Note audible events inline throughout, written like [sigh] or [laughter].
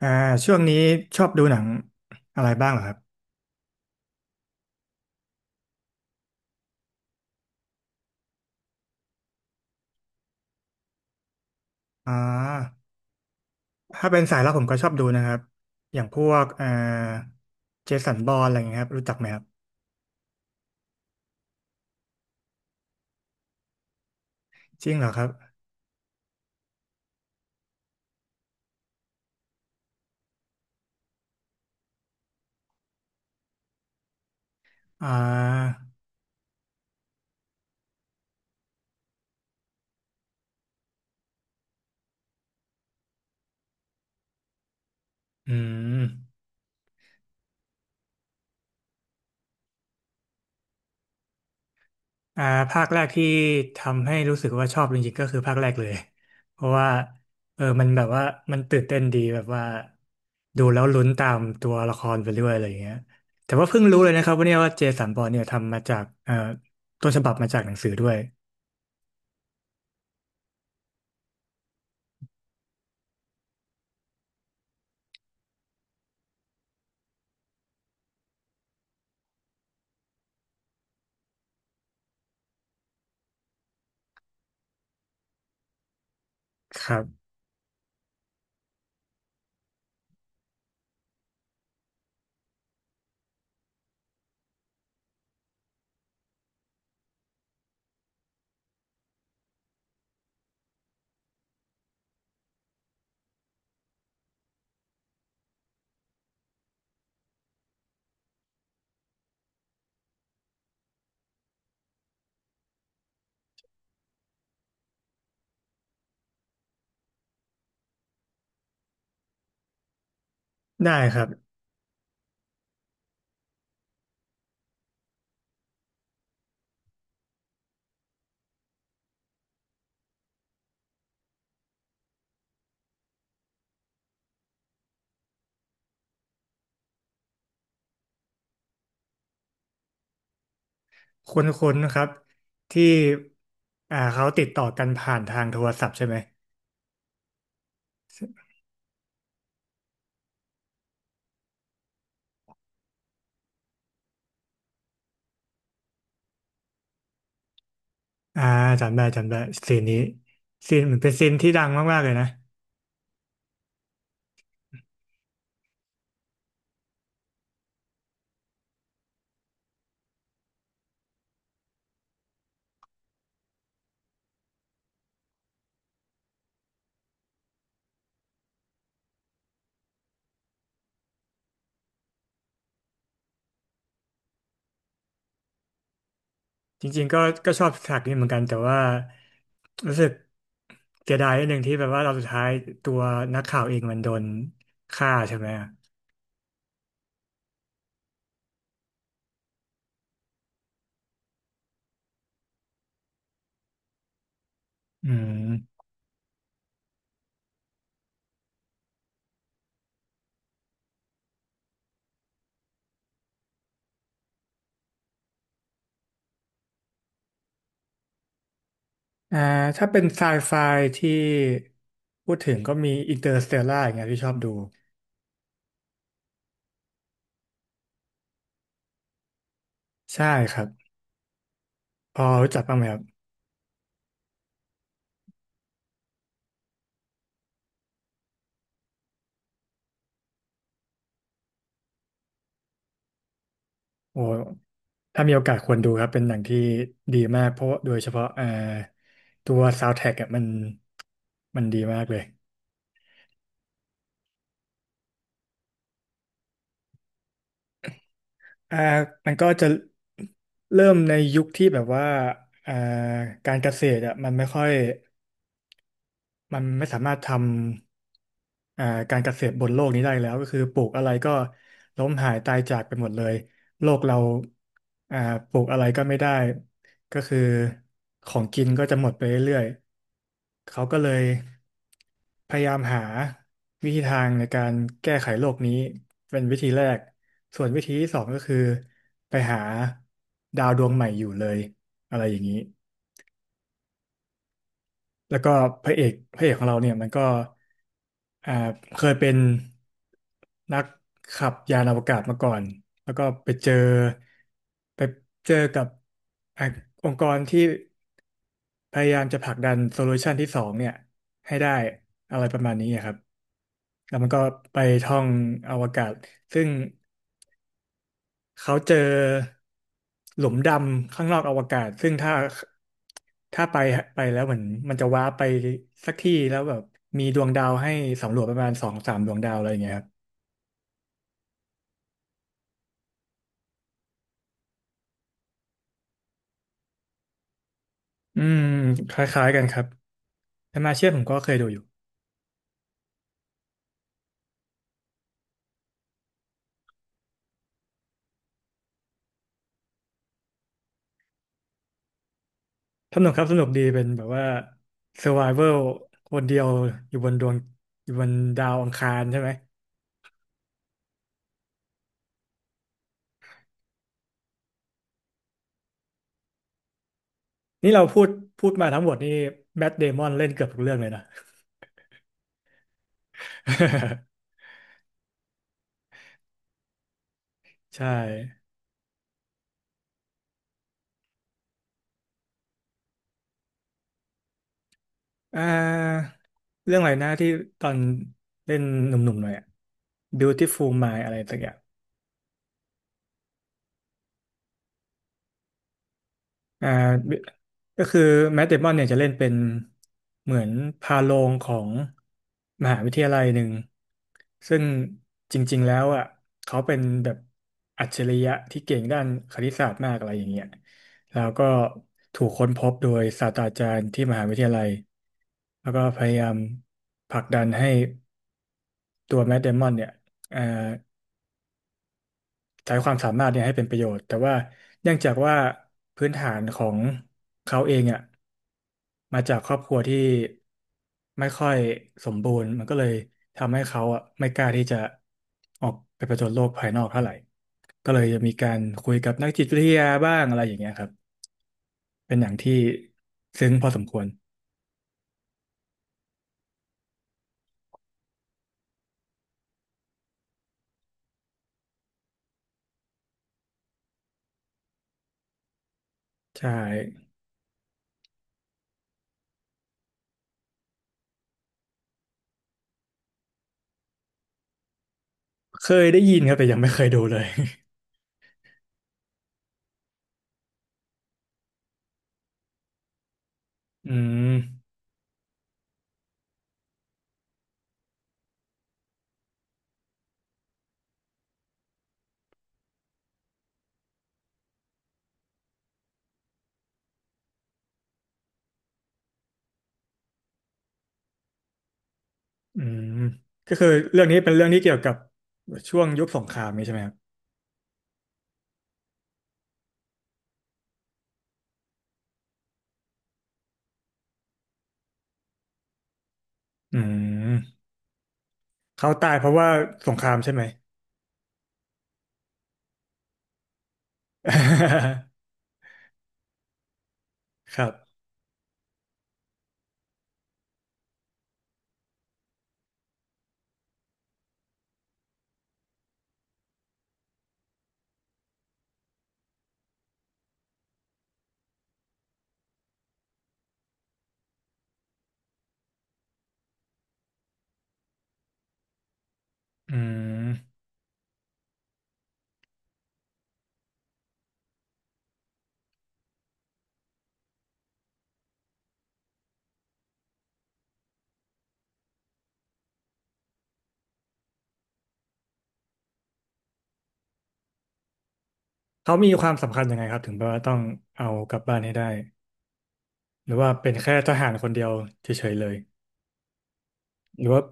อ่าช่วงนี้ชอบดูหนังอะไรบ้างเหรอครับอ่าถ้าเป็นสายลับผมก็ชอบดูนะครับอย่างพวกเจสันบอรนอะไรอย่างเงี้ยครับรู้จักไหมครับจริงเหรอครับอ่าอืมอ่าภาคแรกที่ทำให้รู้สึกว่าชอบจริงๆก็คือภาคแรกเลย [laughs] เพราะว่าเออมันแบบว่ามันตื่นเต้นดีแบบว่าดูแล้วลุ้นตามตัวละครไปเรื่อยอะไรอย่างเงี้ยแต่ว่าเพิ่งรู้เลยนะครับว่าเนี่ยว่าเจสันบอนเนี่ยทำมาจากต้นฉบับมาจากหนังสือด้วยครับ ได้ครับคุ้นๆนะครับที่เขาติดต่อกันผ่านทางโทรศัพท์ใช่ไหมอ่าจำได้ซีนนี้ซีนเหมือนเป็นซีนที่ดังมากๆเลยนะจริงๆก็ชอบฉากนี้เหมือนกันแต่ว่ารู้สึกเสียดายนิดนึงที่แบบว่าเราสุดท้ายตัวนักข่าวเองมันโดนฆ่าใช่ไหมอะอืมอ่าถ้าเป็นไซไฟที่พูดถึงก็มีอินเตอร์สเตลล่าอย่างเงี้ยที่ชอบดูใช่ครับพอรู้จักบ้างไหมครับ โอ้ถ้ามีโอกาสควรดูครับเป็นหนังที่ดีมากเพราะโดยเฉพาะตัวซาวด์แทร็กอ่ะมันดีมากเลยอ่ามันก็จะเริ่มในยุคที่แบบว่าอ่าการเกษตรอ่ะมันไม่ค่อย มันไม่สามารถทำการเกษตรบนโลกนี้ได้แล้วก็คือปลูกอะไรก็ล้มหายตายจากไปหมดเลยโลกเราอ่าปลูกอะไรก็ไม่ได้ก็คือของกินก็จะหมดไปเรื่อยๆเขาก็เลยพยายามหาวิธีทางในการแก้ไขโลกนี้เป็นวิธีแรกส่วนวิธีที่สองก็คือไปหาดาวดวงใหม่อยู่เลยอะไรอย่างนี้ แล้วก็พระเอกของเราเนี่ยมันก็อ่าเคยเป็นนักขับยานอวกาศมาก่อนแล้วก็ไปเจอไปเจอกับอ่ะองค์กรที่พยายามจะผลักดันโซลูชันที่สองเนี่ยให้ได้อะไรประมาณนี้ครับแล้วมันก็ไปท่องอวกาศซึ่ง เขาเจอหลุมดำข้างนอกอวกาศซึ่งถ้าถ้าไปไปแล้วเหมือนมันจะว้าร์ปไปสักที่แล้วแบบมีดวงดาวให้สำรวจประมาณสองสามดวงดาวอะไรอย่างเงี้ยครับอืมคล้ายๆกันครับแตมาเชียผมก็เคยดูอยู่สนุกครับสนุกดีเป็นแบบว่า Survival คนเดียวอยู่บนดวงอยู่บนดาวอังคารใช่ไหมนี่เราพูดมาทั้งหมดนี่แมทเดมอนเล่นเกือบทุกเรื่องเลยนะ [laughs] ใช่ อ่าเรื่องอะไรนะที่ตอนเล่นหนุ่มๆหน่อยอะ Beautiful Mind อะไรสักอย่างอ่าก็คือแมทเดมอนเนี่ยจะเล่นเป็นเหมือนพาโรงของมหาวิทยาลัยหนึ่งซึ่งจริงๆแล้วอ่ะเขาเป็นแบบอัจฉริยะที่เก่งด้านคณิตศาสตร์มากอะไรอย่างเงี้ยแล้วก็ถูกค้นพบโดยศาสตราจารย์ที่มหาวิทยาลัยแล้วก็พยายามผลักดันให้ ตัวแมทเดมอนเนี่ยเอ่อใช้ความสามารถเนี่ยให้เป็นประโยชน์แต่ว่าเนื่องจากว่าพื้นฐานของเขาเองอ่ะมาจากครอบครัวที่ไม่ค่อยสมบูรณ์มันก็เลยทำให้เขาอ่ะไม่กล้าที่จะออกไปผจญโลกภายนอกเท่าไหร่ก็เลยจะมีการคุยกับนักจิตวิทยาบ้างอะไรอย่างเงี้ยครับเป็นอย่างที่ซึ้งพอสมควรใช่เคยได้ยินครับแต่ยังไม่เคยดูเลย [laughs] อืม อืมก็คือเรื่องนี้เป็นเรื่องที่เกี่ยวกับช่วงยุคสงครามนี้ใช่ไหมครับอืมเขาตายเพราะว่าสงครามใช่ไหม [laughs] ครับอืมเขามีความสำคัญยังไงครับถึงแบบว่าต้องเอากลับบ้านให้ได้หรือว่าเป็นแค่ทหารคนเดียวเฉยๆเลยหรือว่า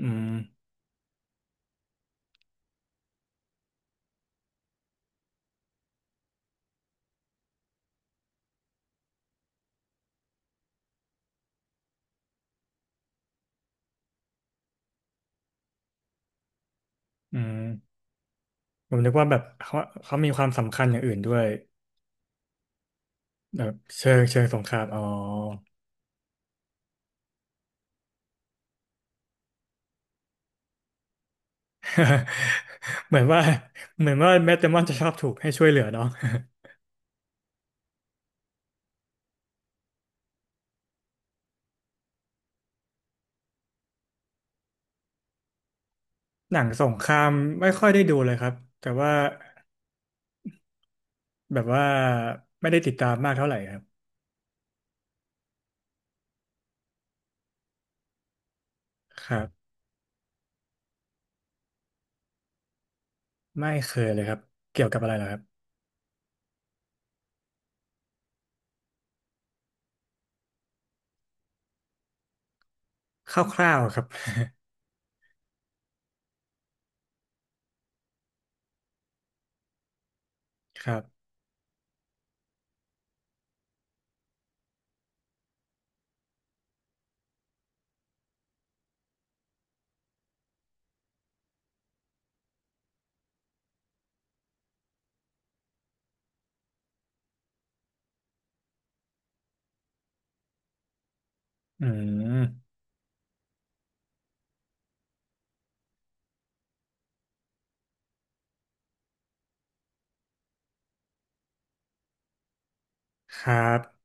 อืมอืมผมนึกว่าแบบเขามีความสำคัญอย่างอื่นด้วยแบบเชิงเชิงสงครามอ๋อ [laughs] เหมือนว่าเหมือนว่าแมตเตอร์มอนจะชอบถูกให้ช่วยเหลือเนาะ หนังสงครามไม่ค่อยได้ดูเลยครับแต่ว่าแบบว่าไม่ได้ติดตามมากเท่าไหร่ครับครับไม่เคยเลยครับเกี่ยวกับอะไรเหรอครับคร่าวๆครับครับอืมครับ